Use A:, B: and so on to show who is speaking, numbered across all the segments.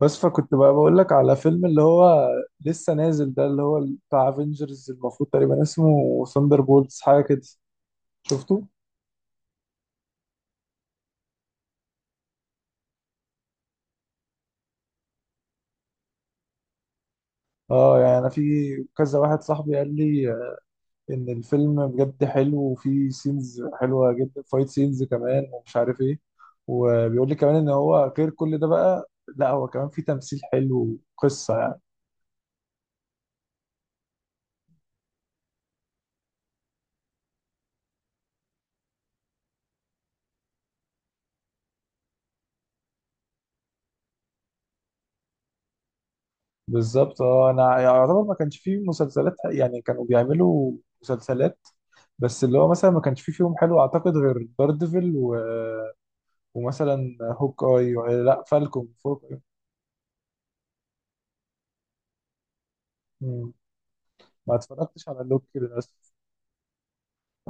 A: بس فكنت بقى بقول لك على فيلم اللي هو لسه نازل ده اللي هو بتاع افنجرز، المفروض تقريبا اسمه ثاندر بولتس حاجه كده. شفته؟ اه، انا في كذا واحد صاحبي قال لي ان الفيلم بجد حلو وفي سينز حلوه جدا، فايت سينز كمان ومش عارف ايه. وبيقول لي كمان ان هو غير كل ده بقى، لا هو كمان في تمثيل حلو وقصه بالظبط. اه، انا يعتبر ما كانش فيه مسلسلات، كانوا بيعملوا مسلسلات بس اللي هو مثلا ما كانش فيه فيهم حلو اعتقد غير داردفل ومثلا هوك اي لا فالكون فوق. مم. ما اتفرجتش على لوكي للاسف.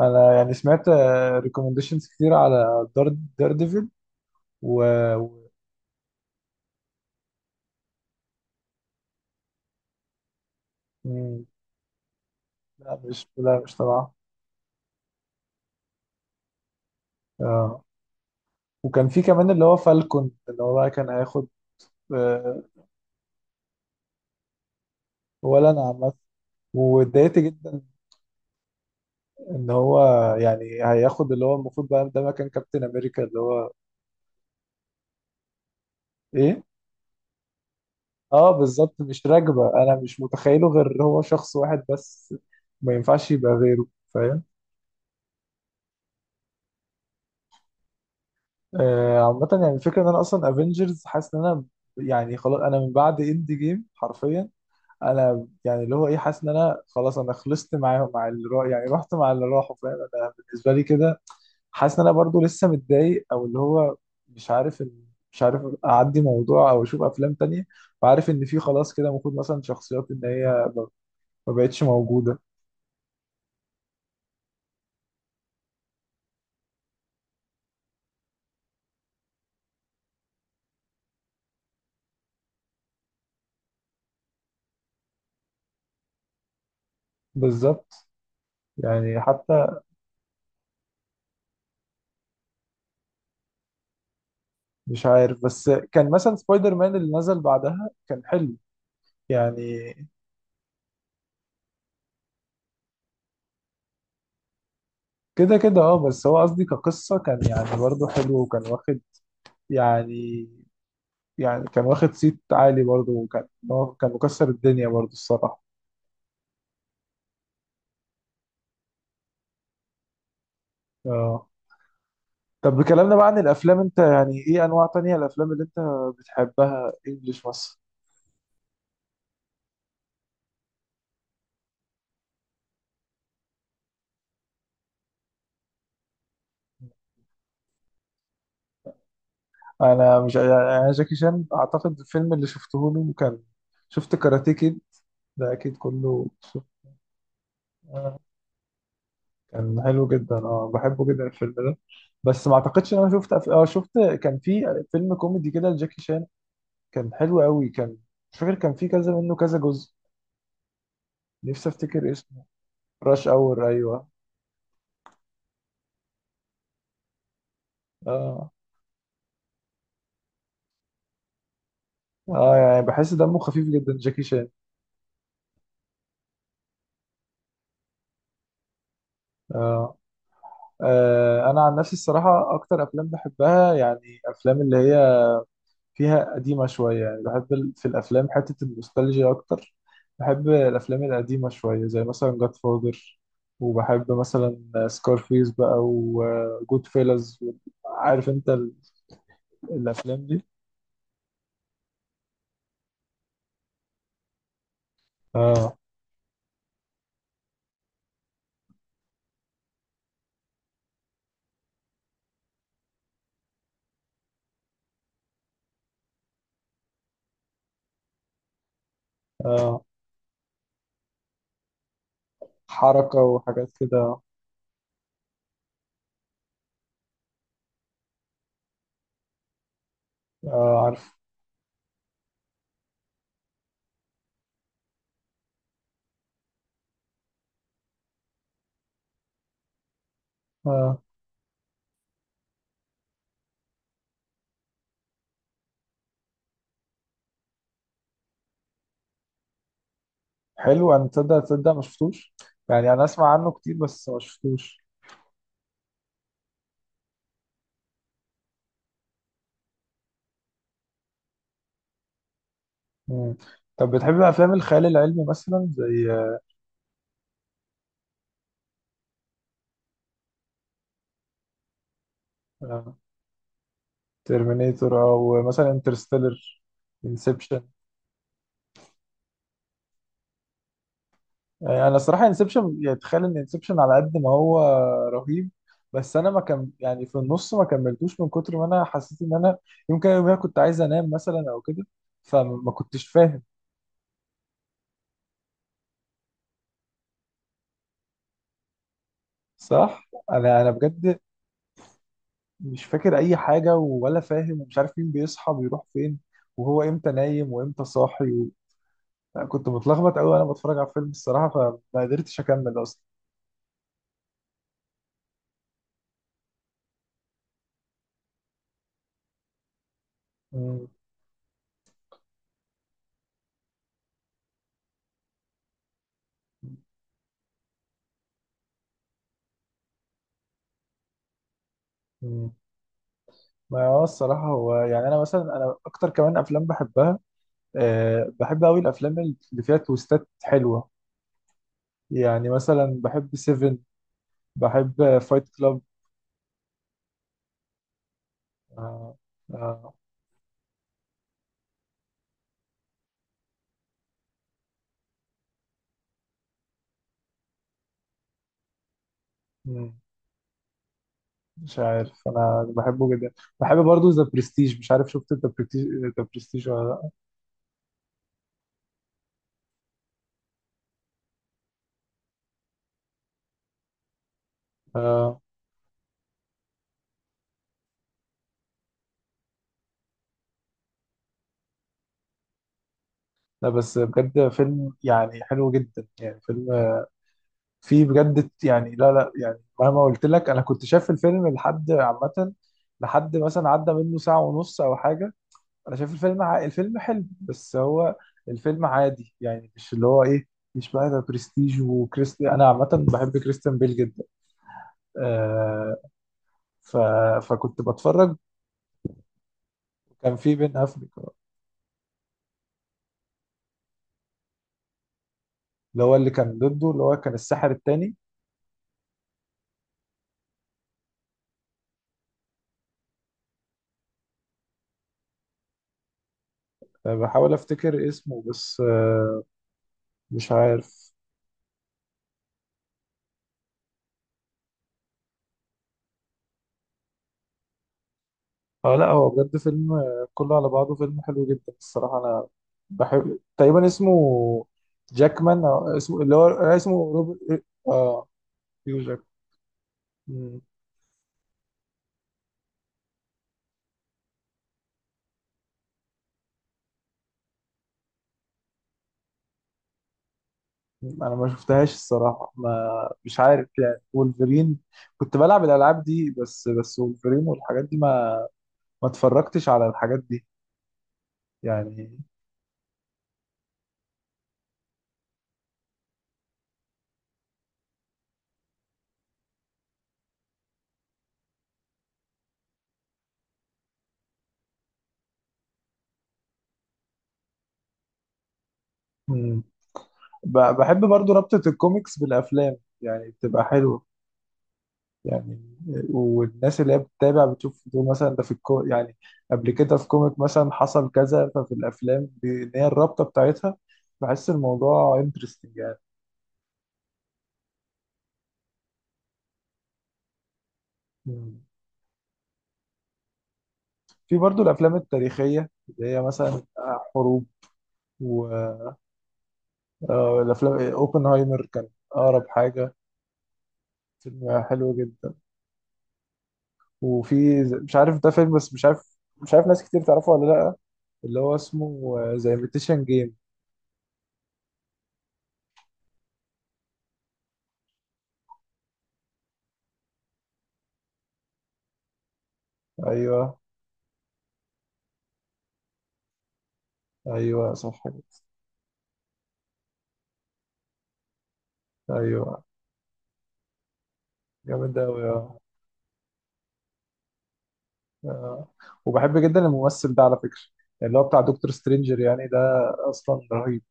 A: انا سمعت ريكومنديشنز كتير على داردفل و... و... مم. لا مش، لا مش تبعه. آه. وكان في كمان اللي هو فالكون اللي هو بقى كان هياخد. آه، ولا انا عامه. واتضايقت جدا ان هو هياخد اللي هو المفروض بقى ده مكان كابتن امريكا اللي هو ايه. اه بالظبط، مش راكبه، انا مش متخيله غير هو شخص واحد بس، ما ينفعش يبقى غيره، فاهم؟ آه عامه، الفكره ان انا اصلا افنجرز حاسس ان انا خلاص، انا من بعد اند جيم حرفيا انا يعني اللي هو ايه حاسس ان انا خلاص، انا خلصت معاهم مع اللي راح، رحت مع اللي راحوا، فاهم؟ انا بالنسبه لي كده حاسس ان انا برضو لسه متضايق، او اللي هو مش عارف إن، مش عارف اعدي موضوع او اشوف افلام تانية، وعارف ان في خلاص كده المفروض مثلا شخصيات ان هي ما ما بقتش موجوده. بالظبط، حتى مش عارف. بس كان مثلا سبايدر مان اللي نزل بعدها كان حلو، يعني كده كده اه. بس هو قصدي كقصة كان برضه حلو وكان واخد، يعني كان واخد صيت عالي برضه، وكان هو كان مكسر الدنيا برضه الصراحة. اه. طب بكلامنا بقى عن الأفلام، أنت إيه أنواع تانية الأفلام اللي أنت بتحبها؟ إنجلش مثلا؟ أنا مش أنا جاكي شان أعتقد الفيلم اللي شفته له كان، شفت كاراتيه كيد ده أكيد كله شفت. كان حلو جدا، اه بحبه جدا الفيلم ده. بس ما اعتقدش ان انا اه شفت، كان في فيلم كوميدي كده لجاكي شان، كان حلو قوي، كان مش فاكر كان في كذا منه، كذا جزء، نفسي افتكر اسمه. راش اور، ايوه. اه، اه، بحس دمه خفيف جدا جاكي شان. آه. آه انا عن نفسي الصراحه اكتر افلام بحبها افلام اللي هي فيها قديمة شوية، بحب في الأفلام حتة النوستالجيا أكتر. بحب الأفلام القديمة شوية زي مثلا جاد فاذر، وبحب مثلا سكارفيس بقى، وجود فيلز. عارف أنت الأفلام دي؟ آه. آه. حركة وحاجات كده. آه، عارف. آه. حلو. أنا تصدق تصدق ما شفتوش، أنا أسمع عنه كتير بس ما شفتوش. مم. طب بتحب أفلام الخيال العلمي مثلا زي آه، ترمينيتور، او مثلا انترستيلر، انسبشن؟ انا الصراحه انسبشن، تخيل ان انسبشن على قد ما هو رهيب بس انا ما كم يعني في النص ما كملتوش من كتر ما انا حسيت ان انا يمكن يوميها كنت عايز انام مثلا او كده، فما كنتش فاهم. صح، انا بجد مش فاكر اي حاجه ولا فاهم، ومش عارف مين بيصحى بيروح فين، وهو امتى نايم وامتى صاحي. كنت متلخبط قوي وانا بتفرج على الفيلم الصراحه، فما قدرتش اكمل اصلا. مم. ما هو الصراحة هو أنا مثلا أنا أكتر كمان أفلام بحبها، أه بحب أوي الأفلام اللي فيها تويستات حلوة، مثلا بحب سيفن، بحب فايت كلاب. أه. أه. مم، مش عارف، أنا بحبه جدا. بحب برضو ذا برستيج. مش عارف شفت ذا برستيج ذا برستيج ولا لأ؟ أه. لا بس بجد فيلم حلو جدا، فيلم فيه بجد، يعني لا لا يعني مهما قلت لك أنا كنت شايف الفيلم لحد عامة، لحد مثلا عدى منه ساعة ونص أو حاجة، انا شايف الفيلم حلو بس هو الفيلم عادي، مش اللي هو ايه، مش بقى ده برستيج. وكريستي انا عامه بحب كريستيان بيل جدا. آه. ف... فكنت بتفرج. كان في بين افريك، اللي هو اللي كان ضده اللي هو كان الساحر التاني. آه، بحاول افتكر اسمه بس آه، مش عارف. اه لا هو بجد فيلم آه، كله على بعضه فيلم حلو جدا الصراحه. انا بحب تقريبا اسمه جاكمان أو اسمه اللي هو آه، اسمه روبرت اه. هيو جاك. انا ما شفتهاش الصراحه، ما مش عارف وولفرين، كنت بلعب الالعاب دي بس. وولفرين والحاجات دي ما اتفرجتش على الحاجات دي، يعني. مم. بحب برضو ربطه الكوميكس بالافلام، بتبقى حلوه، يعني. والناس اللي هي بتتابع بتشوف بتقول مثلا ده في الكو، قبل كده في كوميك مثلا حصل كذا، ففي الافلام ان هي الرابطه بتاعتها، بحس الموضوع انترستنج يعني. مم. في برضو الافلام التاريخيه اللي هي مثلا آه، حروب والافلام. اوبنهايمر كان اقرب حاجه، فيلم حلو جدا. وفي مش عارف ده فيلم بس مش عارف، مش عارف ناس كتير تعرفه ولا لا، اللي هو اسمه زي ميتيشن جيم. ايوه، ايوه صح كده. ايوه، جامد قوي اه. آه. وبحب جدا الممثل ده على فكره، اللي هو بتاع دكتور سترينجر، يعني ده اصلا رهيب.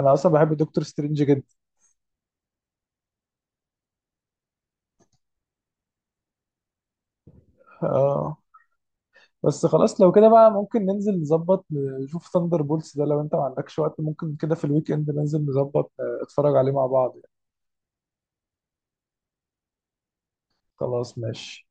A: انا اصلا بحب دكتور سترينج جدا. اه. بس خلاص لو كده بقى ممكن ننزل نظبط نشوف ثاندر بولتس ده، لو انت ما عندكش وقت ممكن كده في الويك اند ننزل نظبط آه، اتفرج عليه مع بعض يعني. خلاص ماشي.